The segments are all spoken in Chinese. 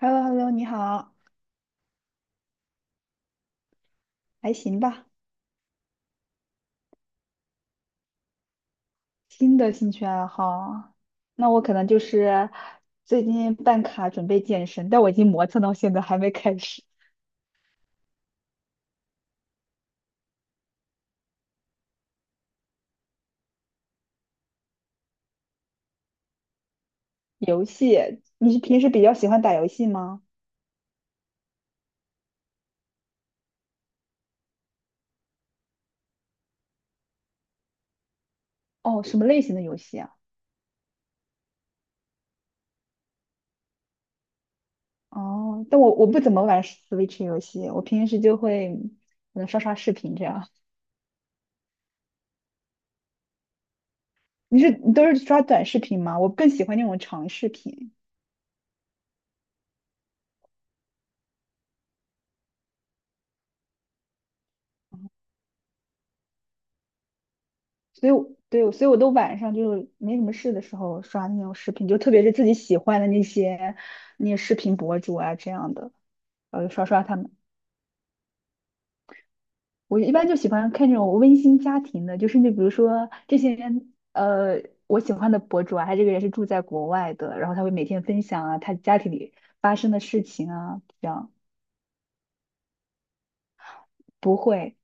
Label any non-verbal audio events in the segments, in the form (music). h e l l o h e l l o 你好，还行吧？新的兴趣爱好，那我可能就是最近办卡准备健身，但我已经磨蹭到现在还没开始。游戏，你是平时比较喜欢打游戏吗？哦，什么类型的游戏啊？哦，但我不怎么玩 Switch 游戏，我平时就会可能刷刷视频这样。你都是刷短视频吗？我更喜欢那种长视频。所以我都晚上就没什么事的时候刷那种视频，就特别是自己喜欢的那些视频博主啊这样的，然后就刷刷他们。我一般就喜欢看这种温馨家庭的，就是你比如说这些人，我喜欢的博主啊，他这个人是住在国外的，然后他会每天分享啊他家庭里发生的事情啊，这样不会。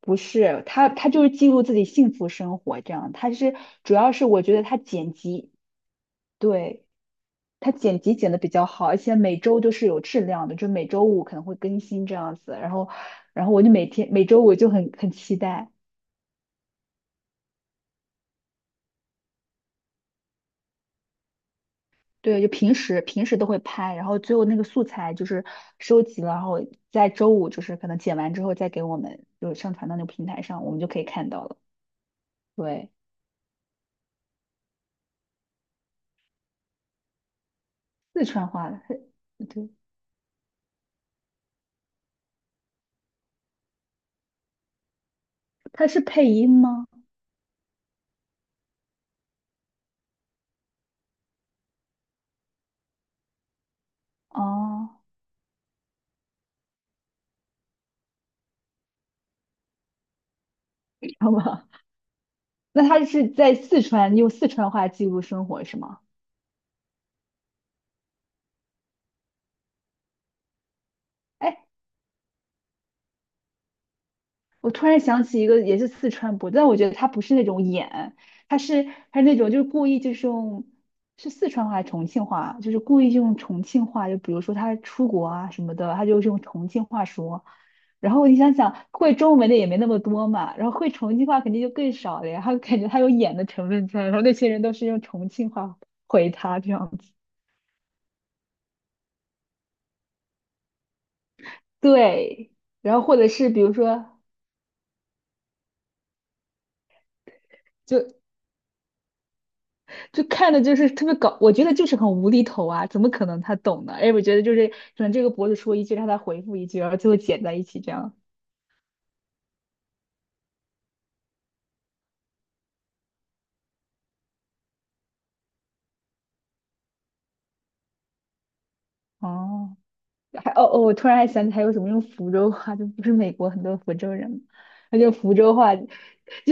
不是，他就是记录自己幸福生活，这样。主要是我觉得他剪辑，对。他剪辑剪的比较好，而且每周都是有质量的，就每周五可能会更新这样子。然后我就每天每周五就很期待，对，就平时都会拍，然后最后那个素材就是收集了，然后在周五就是可能剪完之后再给我们就上传到那个平台上，我们就可以看到了。对，四川话的，对，他是配音吗？哦，(laughs) 好吧，那他是在四川用四川话记录生活是吗？哎。我突然想起一个也是四川播的，但我觉得他不是那种演，他是他是那种就是故意就是用是四川话还是重庆话，就是故意用重庆话，就比如说他出国啊什么的，他就是用重庆话说。然后你想想，会中文的也没那么多嘛，然后会重庆话肯定就更少了呀。他感觉他有演的成分在，然后那些人都是用重庆话回他这样子。对，然后或者是比如说，就就看的就是特别搞，我觉得就是很无厘头啊，怎么可能他懂呢？哎，我觉得就是可能这个博主说一句，让他回复一句，然后最后剪在一起这样。哦，还哦哦，我突然还想起还有什么用福州话，就不是美国很多福州人嘛，他就福州话，就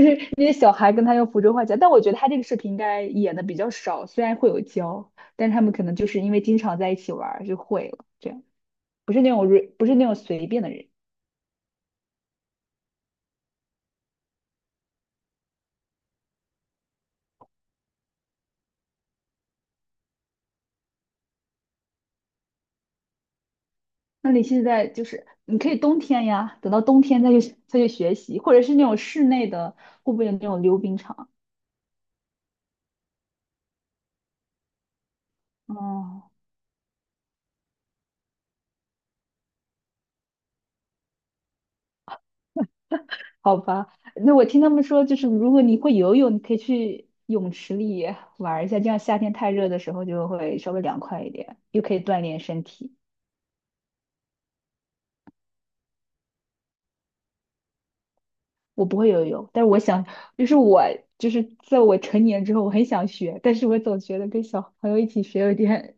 是那些小孩跟他用福州话讲。但我觉得他这个视频应该演的比较少，虽然会有教，但是他们可能就是因为经常在一起玩儿就会了，这样不是那种 re- 不是那种随便的人。那你现在就是你可以冬天呀，等到冬天再去学习，或者是那种室内的，会不会有那种溜冰场？哦，好吧，那我听他们说，就是如果你会游泳，你可以去泳池里玩一下，这样夏天太热的时候就会稍微凉快一点，又可以锻炼身体。我不会游泳，但是我想，就是我就是在我成年之后，我很想学，但是我总觉得跟小朋友一起学有点。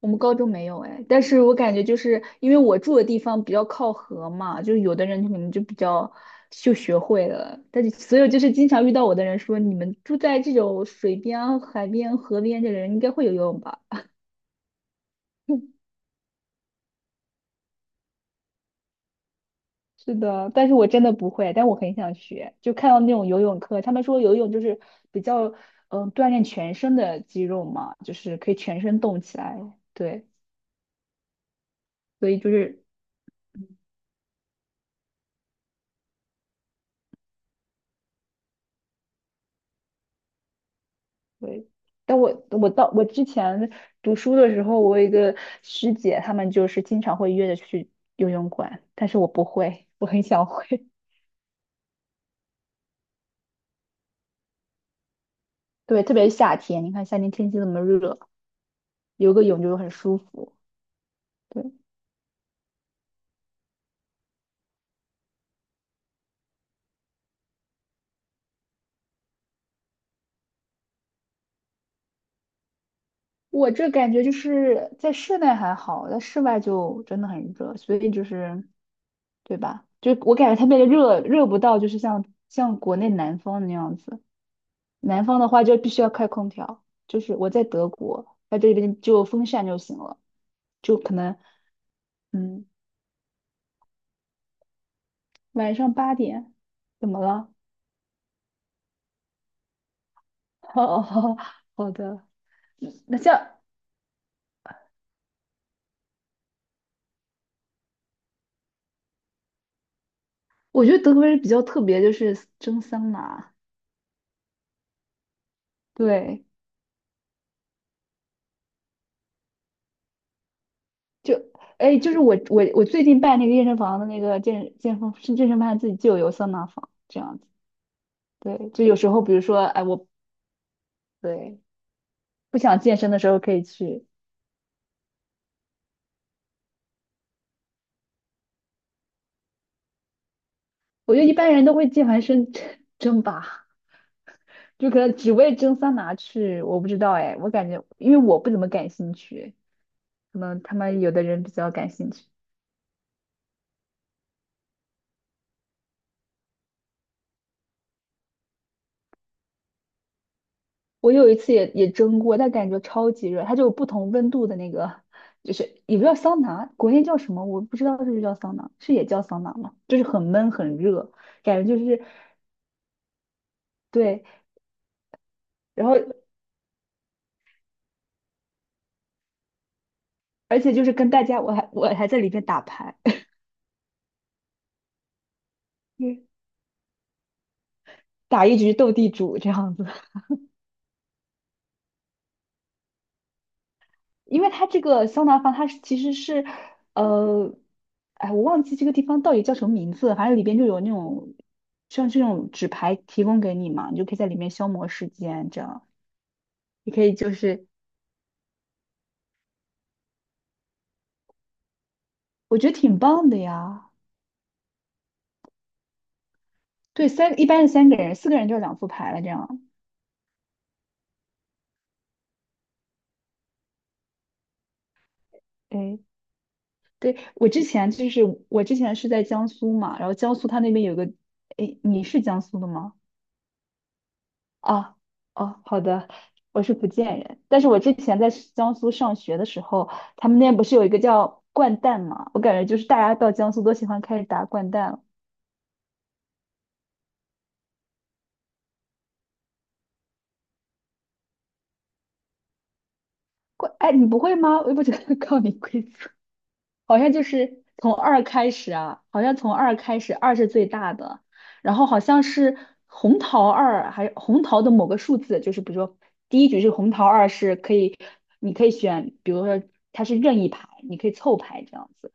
我们高中没有哎，但是我感觉就是因为我住的地方比较靠河嘛，就有的人可能就比较就学会了，但是所有就是经常遇到我的人说，你们住在这种水边啊海边、河边的人应该会游泳吧？(laughs) 是的，但是我真的不会，但我很想学。就看到那种游泳课，他们说游泳就是比较锻炼全身的肌肉嘛，就是可以全身动起来。对，所以就是对，但我之前读书的时候，我有一个师姐，她们就是经常会约着去游泳馆，但是我不会，我很想会。(laughs) 对，特别是夏天，你看夏天天气那么热，游个泳就很舒服。对，我这感觉就是在室内还好，在室外就真的很热，所以就是对吧？就我感觉特别的热，热不到就是像国内南方那样子。南方的话就必须要开空调，就是我在德国，在这边就有风扇就行了，就可能。嗯晚上八点，怎么了？(laughs) 哦，好的，那像我觉得德国人比较特别，就是蒸桑拿，对，就就是我最近办那个健身房的健身房自己就有桑拿房这样子，对，就有时候比如说哎对不想健身的时候可以去，我觉得一般人都会健完身 (laughs) 蒸吧。就可能只为蒸桑拿去，我不知道哎，我感觉因为我不怎么感兴趣，可能他们有的人比较感兴趣。我有一次也蒸过，但感觉超级热，它就有不同温度的那个，就是也不叫桑拿，国内叫什么我不知道是不是叫桑拿，是也叫桑拿吗？就是很闷很热，感觉就是对，然后而且就是跟大家我还在里面打牌，(laughs) 打一局斗地主这样子。因为它这个桑拿房，它是其实是，呃，哎，我忘记这个地方到底叫什么名字了，反正里边就有那种像这种纸牌提供给你嘛，你就可以在里面消磨时间，这样你可以就是，我觉得挺棒的呀。对，一般是三个人，四个人就是两副牌了，这样。哎，对，我之前是在江苏嘛，然后江苏它那边有个，哎，你是江苏的吗？啊哦，好的，我是福建人，但是我之前在江苏上学的时候，他们那边不是有一个叫掼蛋嘛？我感觉就是大家到江苏都喜欢开始打掼蛋了。哎，你不会吗？我也不觉得 (laughs) 靠你规则。好像就是从二开始啊，好像从二开始，二是最大的，然后好像是红桃二，还红桃的某个数字，就是比如说第一局是红桃二是可以，你可以选，比如说它是任意牌，你可以凑牌这样子，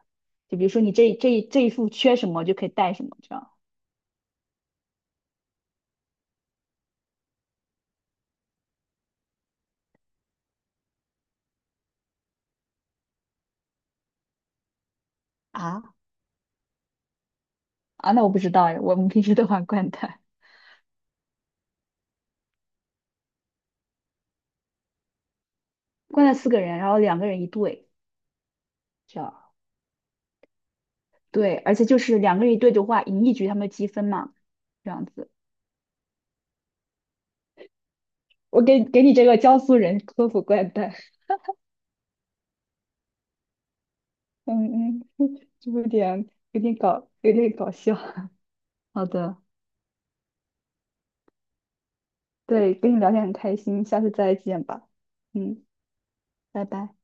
就比如说你这一副缺什么就可以带什么这样啊，啊，那我不知道哎，我们平时都玩掼蛋，掼蛋四个人，然后两个人一对，这样，对，而且就是两个人一对的话，赢一局他们积分嘛，这样子。我给你这个江苏人科普怪诞，嗯嗯，(laughs) 就有点搞笑。(laughs) 好的，对，跟你聊天很开心，下次再见吧。嗯，拜拜。